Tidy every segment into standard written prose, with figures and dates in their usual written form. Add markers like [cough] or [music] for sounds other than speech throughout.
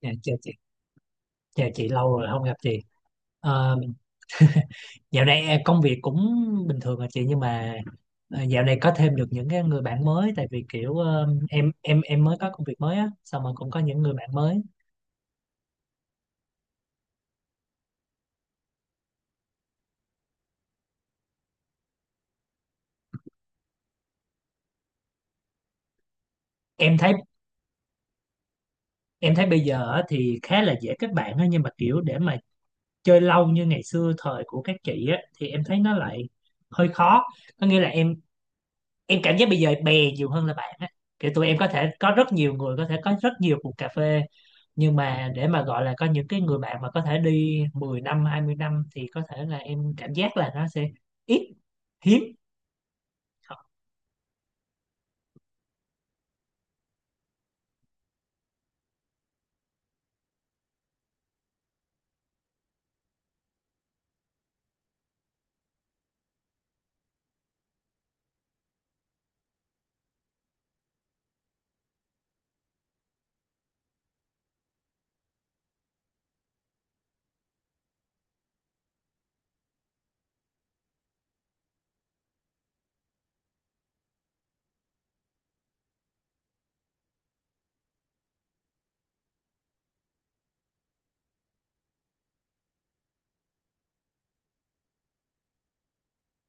Dạ, chào chị lâu rồi không gặp chị. Ờ, Dạo này à, công việc cũng bình thường à chị, nhưng mà à, dạo này có thêm được những cái người bạn mới tại vì kiểu em mới có công việc mới á, xong rồi cũng có những người bạn mới. Em thấy em thấy bây giờ á thì khá là dễ kết bạn á, nhưng mà kiểu để mà chơi lâu như ngày xưa thời của các chị á thì em thấy nó lại hơi khó. Có nghĩa là em cảm giác bây giờ bè nhiều hơn là bạn á. Kiểu tụi em có thể có rất nhiều người, có thể có rất nhiều cuộc cà phê, nhưng mà để mà gọi là có những cái người bạn mà có thể đi 10 năm, 20 năm thì có thể là em cảm giác là nó sẽ ít, hiếm.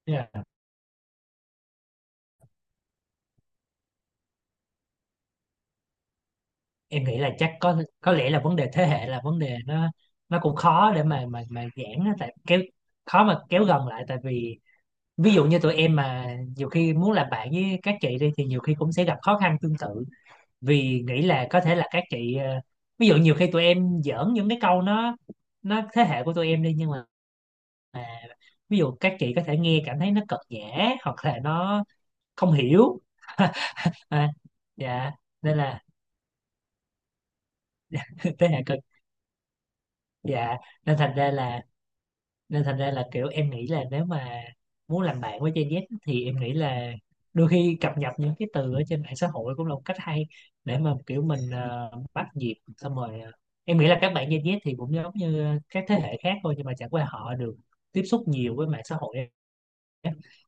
Yeah. Em nghĩ là chắc có lẽ là vấn đề thế hệ, là vấn đề nó cũng khó để mà giãn á, tại kéo khó mà kéo gần lại. Tại vì ví dụ như tụi em mà nhiều khi muốn làm bạn với các chị đi thì nhiều khi cũng sẽ gặp khó khăn tương tự, vì nghĩ là có thể là các chị ví dụ nhiều khi tụi em giỡn những cái câu nó thế hệ của tụi em đi, nhưng mà à, ví dụ các chị có thể nghe cảm thấy nó cợt nhã hoặc là nó không hiểu. [laughs] À, dạ, nên là [laughs] thế hệ cực, dạ, nên thành ra là, nên thành ra là kiểu em nghĩ là nếu mà muốn làm bạn với Gen Z thì em nghĩ là đôi khi cập nhật những cái từ ở trên mạng xã hội cũng là một cách hay để mà kiểu mình bắt nhịp. Xong rồi em nghĩ là các bạn Gen Z thì cũng giống như các thế hệ khác thôi, nhưng mà chẳng qua họ được tiếp xúc nhiều với mạng xã hội,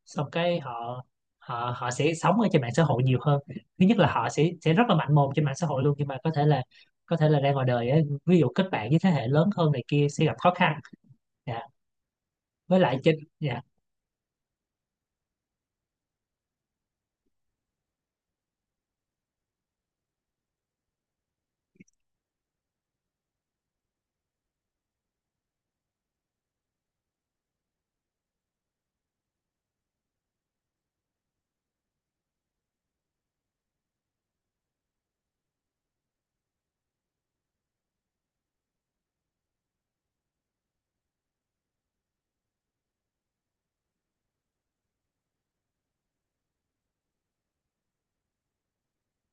xong cái họ họ họ sẽ sống ở trên mạng xã hội nhiều hơn. Thứ nhất là họ sẽ rất là mạnh mồm trên mạng xã hội luôn, nhưng mà có thể là ra ngoài đời á, ví dụ kết bạn với thế hệ lớn hơn này kia sẽ gặp khó khăn. Dạ, với lại trên, dạ.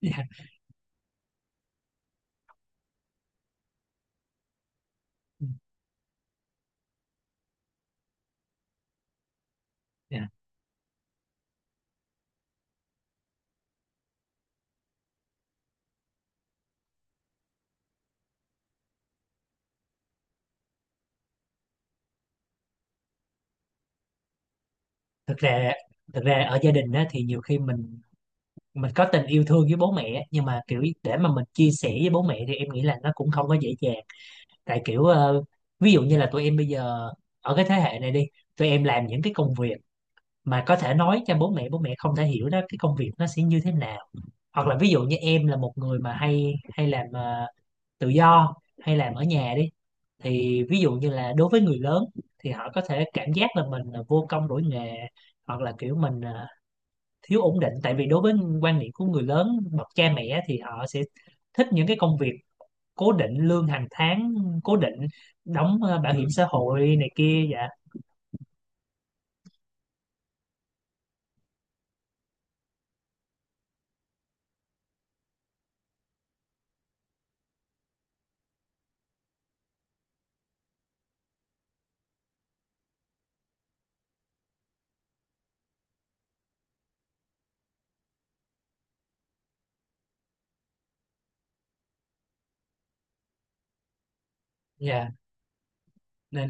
Dạ. Dạ. Thực ra, thực ra ở gia đình á, thì nhiều khi mình có tình yêu thương với bố mẹ á, nhưng mà kiểu để mà mình chia sẻ với bố mẹ thì em nghĩ là nó cũng không có dễ dàng. Tại kiểu ví dụ như là tụi em bây giờ ở cái thế hệ này đi, tụi em làm những cái công việc mà có thể nói cho bố mẹ, bố mẹ không thể hiểu đó cái công việc nó sẽ như thế nào. Hoặc là ví dụ như em là một người mà hay hay làm tự do, hay làm ở nhà đi, thì ví dụ như là đối với người lớn thì họ có thể cảm giác là mình là vô công đổi nghề, hoặc là kiểu mình thiếu ổn định. Tại vì đối với quan niệm của người lớn, bậc cha mẹ, thì họ sẽ thích những cái công việc cố định, lương hàng tháng cố định, đóng bảo hiểm xã hội này kia. Dạ. Dạ nên.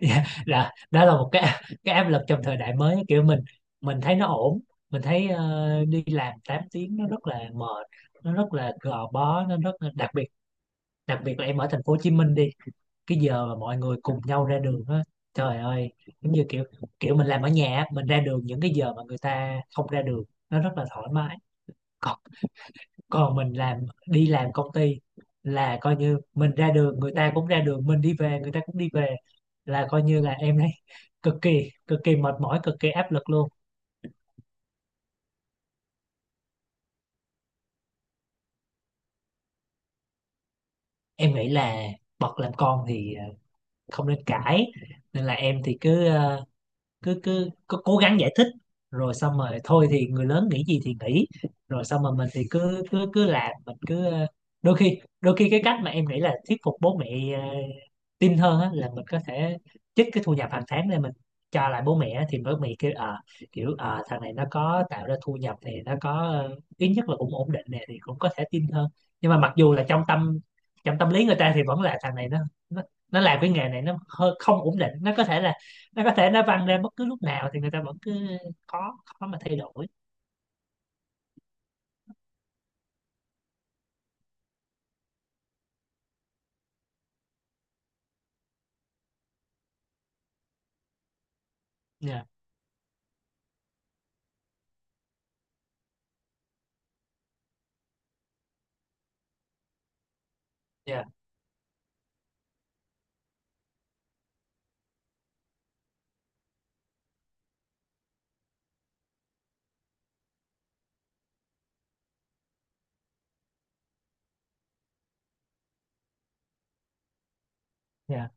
Dạ, là đó là một cái áp lực trong thời đại mới. Kiểu mình thấy nó ổn, mình thấy đi làm 8 tiếng nó rất là mệt, nó rất là gò bó, nó rất là đặc biệt. Đặc biệt là em ở thành phố Hồ Chí Minh đi, cái giờ mà mọi người cùng nhau ra đường á, trời ơi. Giống như kiểu, kiểu mình làm ở nhà á, mình ra đường những cái giờ mà người ta không ra đường, nó rất là thoải mái. Còn mình làm, đi làm công ty, là coi như mình ra đường người ta cũng ra đường, mình đi về người ta cũng đi về, là coi như là em thấy cực kỳ mệt mỏi, cực kỳ áp lực luôn. Em nghĩ là bậc làm con thì không nên cãi, nên là em thì cứ cứ cố gắng giải thích. Rồi xong rồi thôi thì người lớn nghĩ gì thì nghĩ, rồi xong rồi mình thì cứ cứ cứ làm, mình cứ đôi khi cái cách mà em nghĩ là thuyết phục bố mẹ ờ, tin hơn á, là mình có thể trích cái thu nhập hàng tháng lên, mình cho lại bố mẹ á, thì bố mẹ kêu kiểu thằng này nó có tạo ra thu nhập thì nó có ít nhất là cũng ổn định nè, thì cũng có thể tin hơn. Nhưng mà mặc dù là trong tâm lý người ta thì vẫn là thằng này nó, nó làm cái nghề này nó hơi không ổn định, nó có thể là, nó có thể nó văng lên bất cứ lúc nào, thì người ta vẫn cứ khó khó mà thay đổi. Dạ. Dạ. Dạ,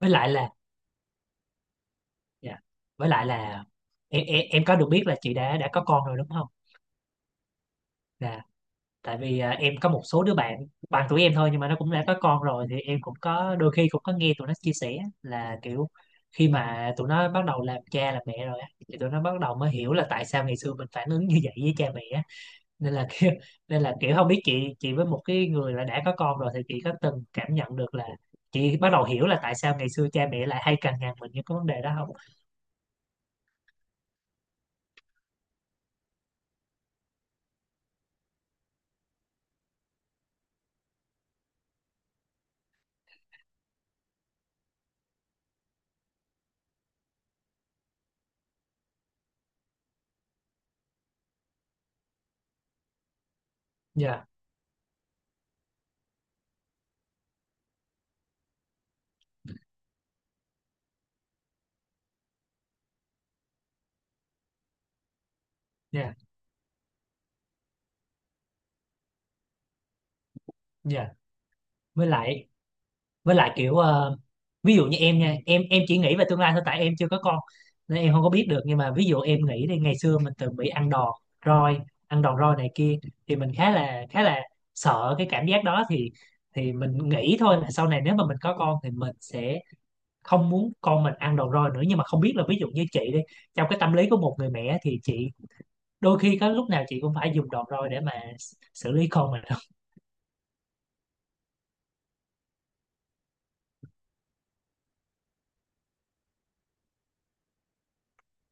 với lại là, dạ, với lại là em, em có được biết là chị đã có con rồi đúng không. Dạ, tại vì em có một số đứa bạn bằng tuổi em thôi nhưng mà nó cũng đã có con rồi, thì em cũng có đôi khi cũng có nghe tụi nó chia sẻ là kiểu khi mà tụi nó bắt đầu làm cha làm mẹ rồi á thì tụi nó bắt đầu mới hiểu là tại sao ngày xưa mình phản ứng như vậy với cha mẹ á. Nên là kiểu, nên là kiểu không biết chị với một cái người là đã có con rồi thì chị có từng cảm nhận được là chị bắt đầu hiểu là tại sao ngày xưa cha mẹ lại hay cằn nhằn mình những cái vấn đề đó không. Dạ. Dạ. Dạ, với lại, với lại kiểu ví dụ như em nha, em chỉ nghĩ về tương lai thôi tại em chưa có con, nên em không có biết được. Nhưng mà ví dụ em nghĩ đi, ngày xưa mình từng bị ăn đòn roi, ăn đòn roi này kia, thì mình khá là sợ cái cảm giác đó. Thì mình nghĩ thôi là sau này nếu mà mình có con thì mình sẽ không muốn con mình ăn đồ roi nữa. Nhưng mà không biết là ví dụ như chị đi, trong cái tâm lý của một người mẹ thì chị đôi khi có lúc nào chị cũng phải dùng đồ roi để mà xử lý con mình đúng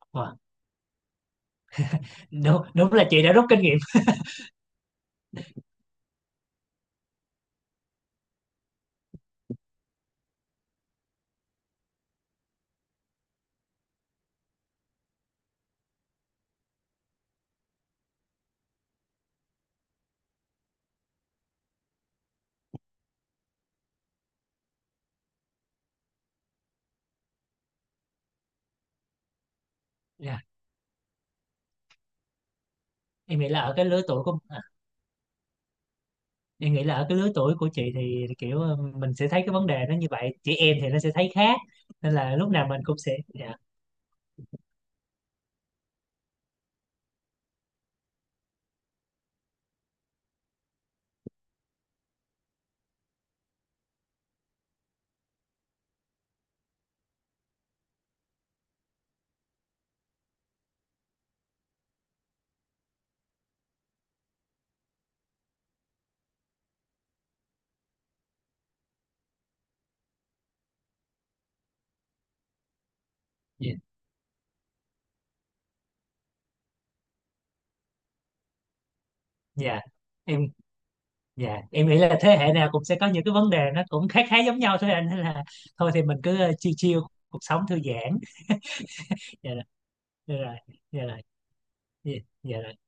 không? Ờ, đúng, đúng là chị đã rút kinh nghiệm. Dạ. Em nghĩ là ở cái lứa tuổi của em nghĩ là ở cái lứa tuổi của chị thì kiểu mình sẽ thấy cái vấn đề nó như vậy, chị em thì nó sẽ thấy khác, nên là lúc nào mình cũng sẽ, dạ. Dạ. Dạ. Em, dạ, em nghĩ là thế hệ nào cũng sẽ có những cái vấn đề nó cũng khá khá giống nhau thôi anh, nên là thôi thì mình cứ chill chill, cuộc sống thư giãn. Dạ. Dạ rồi, dạ rồi, dạ, dạ.